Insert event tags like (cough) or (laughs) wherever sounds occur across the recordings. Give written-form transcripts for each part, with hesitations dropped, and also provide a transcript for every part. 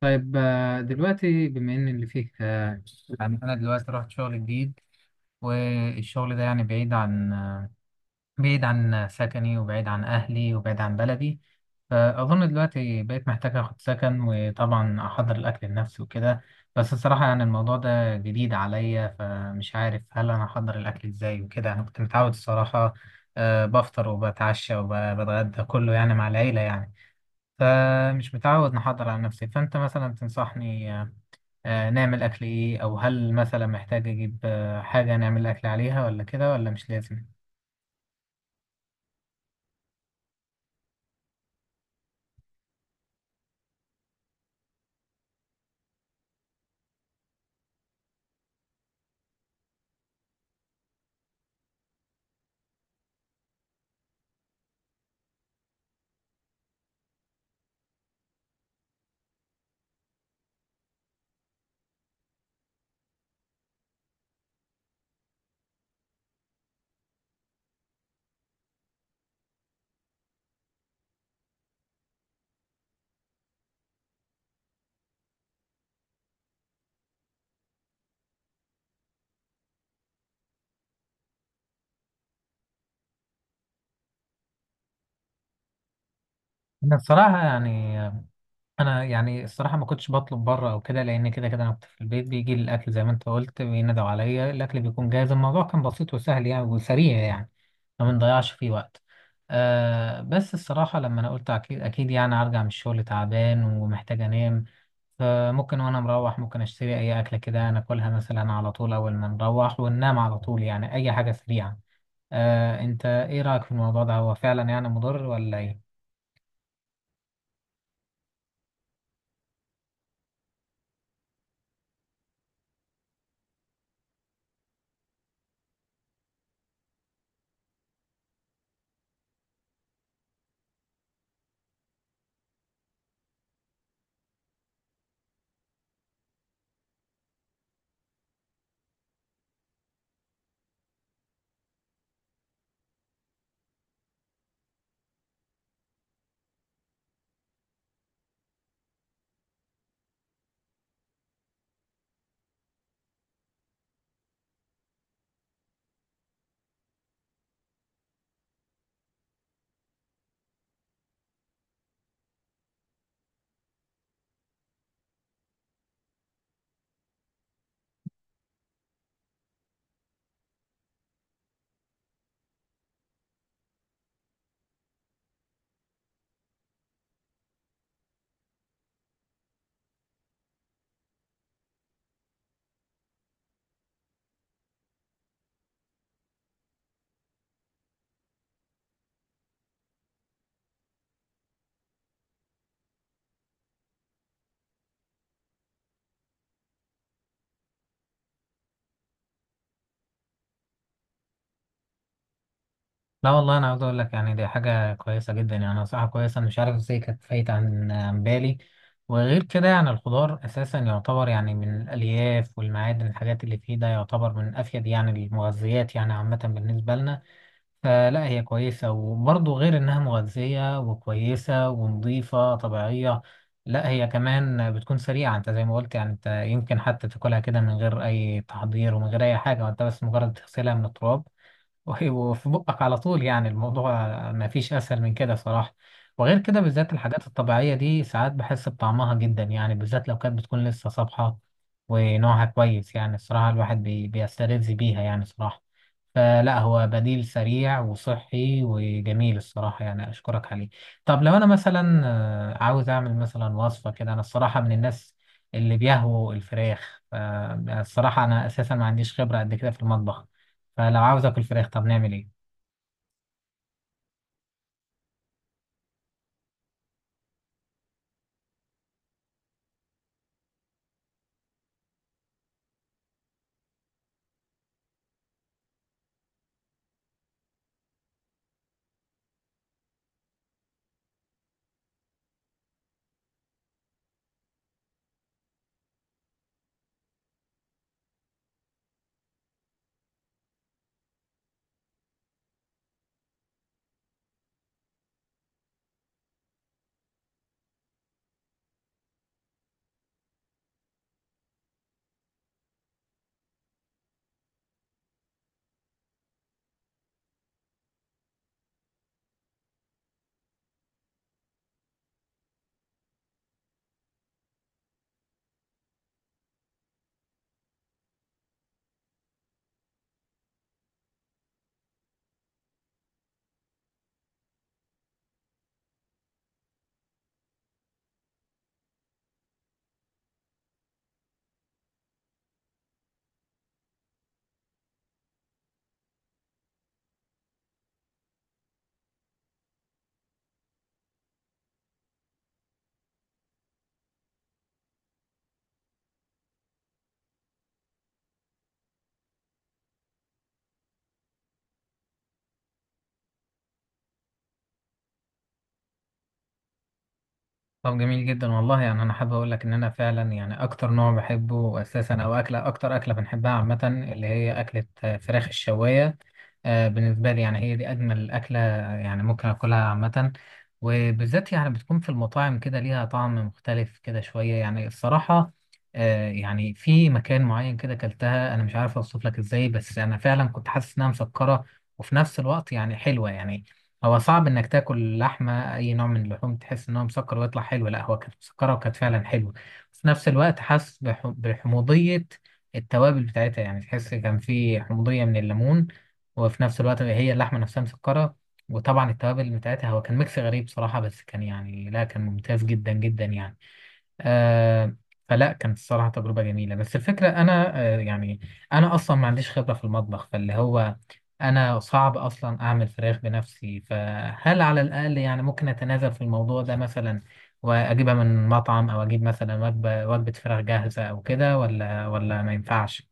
طيب، دلوقتي بما ان اللي فيك، يعني انا دلوقتي رحت شغل جديد. والشغل ده يعني بعيد عن، بعيد عن سكني وبعيد عن اهلي وبعيد عن بلدي. فاظن دلوقتي بقيت محتاج اخد سكن وطبعا احضر الاكل لنفسي وكده. بس الصراحة يعني الموضوع ده جديد عليا فمش عارف هل انا احضر الاكل ازاي وكده. انا كنت متعود الصراحة، بفطر وبتعشى وبتغدى كله يعني مع العيلة يعني. فمش متعود نحضر على نفسي. فأنت مثلا تنصحني، نعمل أكل إيه؟ أو هل مثلا محتاج أجيب حاجة نعمل أكل عليها، ولا كده ولا مش لازم؟ أنا بصراحة يعني، انا يعني الصراحه ما كنتش بطلب بره او كده، لان كده كده انا كنت في البيت بيجي لي الاكل زي ما انت قلت، بينادوا عليا الاكل بيكون جاهز. الموضوع كان بسيط وسهل يعني وسريع يعني، ما بنضيعش فيه وقت. آه، بس الصراحه لما انا قلت اكيد اكيد يعني ارجع من الشغل تعبان ومحتاج انام. فممكن وانا مروح ممكن اشتري اي اكله كده، ناكلها مثلا على طول اول ما نروح وننام على طول، يعني اي حاجه سريعه. آه، انت ايه رايك في الموضوع ده؟ هو فعلا يعني مضر ولا ايه؟ لا والله، انا عاوز اقول لك يعني دي حاجه كويسه جدا، يعني نصيحه كويسه. أنا مش عارف ازاي كانت فايته عن بالي. وغير كده يعني الخضار اساسا يعتبر يعني من الالياف والمعادن، الحاجات اللي فيه ده يعتبر من افيد يعني المغذيات يعني عامه بالنسبه لنا. فلا هي كويسه، وبرضه غير انها مغذيه وكويسه ونظيفه طبيعيه، لا هي كمان بتكون سريعه. انت زي ما قلت يعني، انت يمكن حتى تاكلها كده من غير اي تحضير ومن غير اي حاجه، وانت بس مجرد تغسلها من التراب وهيبقوا في بقك على طول. يعني الموضوع ما فيش أسهل من كده صراحة. وغير كده بالذات الحاجات الطبيعية دي ساعات بحس بطعمها جدا، يعني بالذات لو كانت بتكون لسه صبحة ونوعها كويس. يعني الصراحة الواحد بيستلذ بيها يعني صراحة. فلا هو بديل سريع وصحي وجميل الصراحة، يعني أشكرك عليه. طب لو أنا مثلا، عاوز أعمل مثلا وصفة كده. أنا الصراحة من الناس اللي بيهووا الفراخ الصراحة أنا أساسا ما عنديش خبرة قد كده في المطبخ. فلو عاوز اكل فراخ، طب نعمل ايه؟ طب جميل جدا والله. يعني انا حابب اقول لك ان انا فعلا يعني اكتر نوع بحبه اساسا او اكله، اكتر اكله بنحبها عامه، اللي هي اكله فراخ الشوايه. بالنسبه لي يعني هي دي اجمل اكله، يعني ممكن اكلها عامه. وبالذات يعني بتكون في المطاعم كده ليها طعم مختلف كده شويه يعني الصراحه. يعني في مكان معين كده اكلتها، انا مش عارف اوصف لك ازاي، بس انا فعلا كنت حاسس انها مسكره وفي نفس الوقت يعني حلوه يعني. هو صعب انك تاكل لحمه اي نوع من اللحوم تحس ان هو مسكر ويطلع حلو. لا، هو كانت مسكره وكانت فعلا حلوه، بس في نفس الوقت حاسس بحموضيه التوابل بتاعتها. يعني تحس كان في حموضيه من الليمون، وفي نفس الوقت هي اللحمه نفسها مسكره. وطبعا التوابل بتاعتها هو كان ميكس غريب صراحه، بس كان يعني لا كان ممتاز جدا جدا يعني. آه، فلا كانت الصراحة تجربة جميلة. بس الفكرة أنا يعني أنا أصلا ما عنديش خبرة في المطبخ، فاللي هو أنا صعب أصلا أعمل فراخ بنفسي. فهل على الأقل يعني ممكن أتنازل في الموضوع ده مثلا وأجيبها من مطعم، أو أجيب مثلا وجبة فراخ جاهزة أو كده، ولا ما ينفعش؟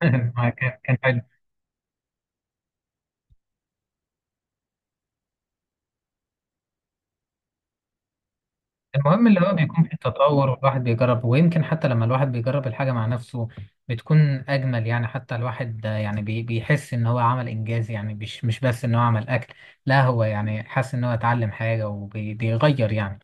(laughs) كان المهم اللي هو بيكون فيه تطور، والواحد بيجرب. ويمكن حتى لما الواحد بيجرب الحاجة مع نفسه بتكون أجمل. يعني حتى الواحد يعني بيحس إن هو عمل إنجاز، يعني مش بس إن هو عمل أكل، لا هو يعني حاسس إن هو اتعلم حاجة وبيغير يعني.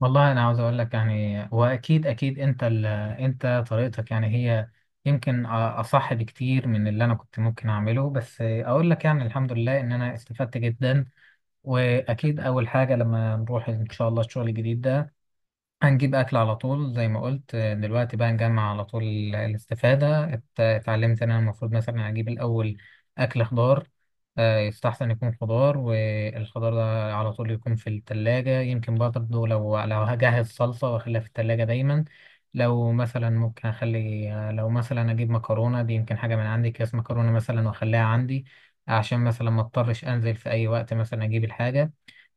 والله أنا عاوز أقول لك يعني، وأكيد أكيد أنت أنت طريقتك يعني هي يمكن أصح بكتير من اللي أنا كنت ممكن أعمله. بس أقول لك يعني الحمد لله إن أنا استفدت جدا. وأكيد أول حاجة لما نروح إن شاء الله الشغل الجديد ده هنجيب أكل على طول زي ما قلت. دلوقتي بقى نجمع على طول الاستفادة. اتعلمت إن أنا المفروض مثلا أجيب الأول أكل خضار، يستحسن يكون خضار. والخضار ده على طول يكون في التلاجة. يمكن برضه لو هجهز صلصة وأخليها في التلاجة دايما. لو مثلا ممكن أخلي، لو مثلا أجيب مكرونة دي، يمكن حاجة من عندي أكياس مكرونة مثلا وأخليها عندي عشان مثلا ما اضطرش أنزل في أي وقت مثلا أجيب الحاجة.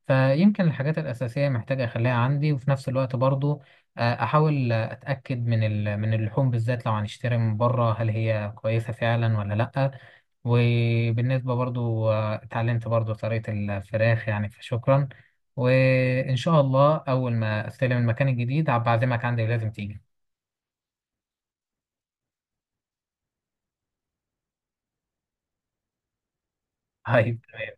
فيمكن الحاجات الأساسية محتاج أخليها عندي. وفي نفس الوقت برضو أحاول أتأكد من اللحوم بالذات لو هنشتري من بره، هل هي كويسة فعلا ولا لأ. وبالنسبة برضو، اتعلمت برضو طريقة الفراخ يعني، فشكرا. وإن شاء الله أول ما أستلم المكان الجديد هبعزمك عندي ولازم تيجي. (laughs) طيب تمام.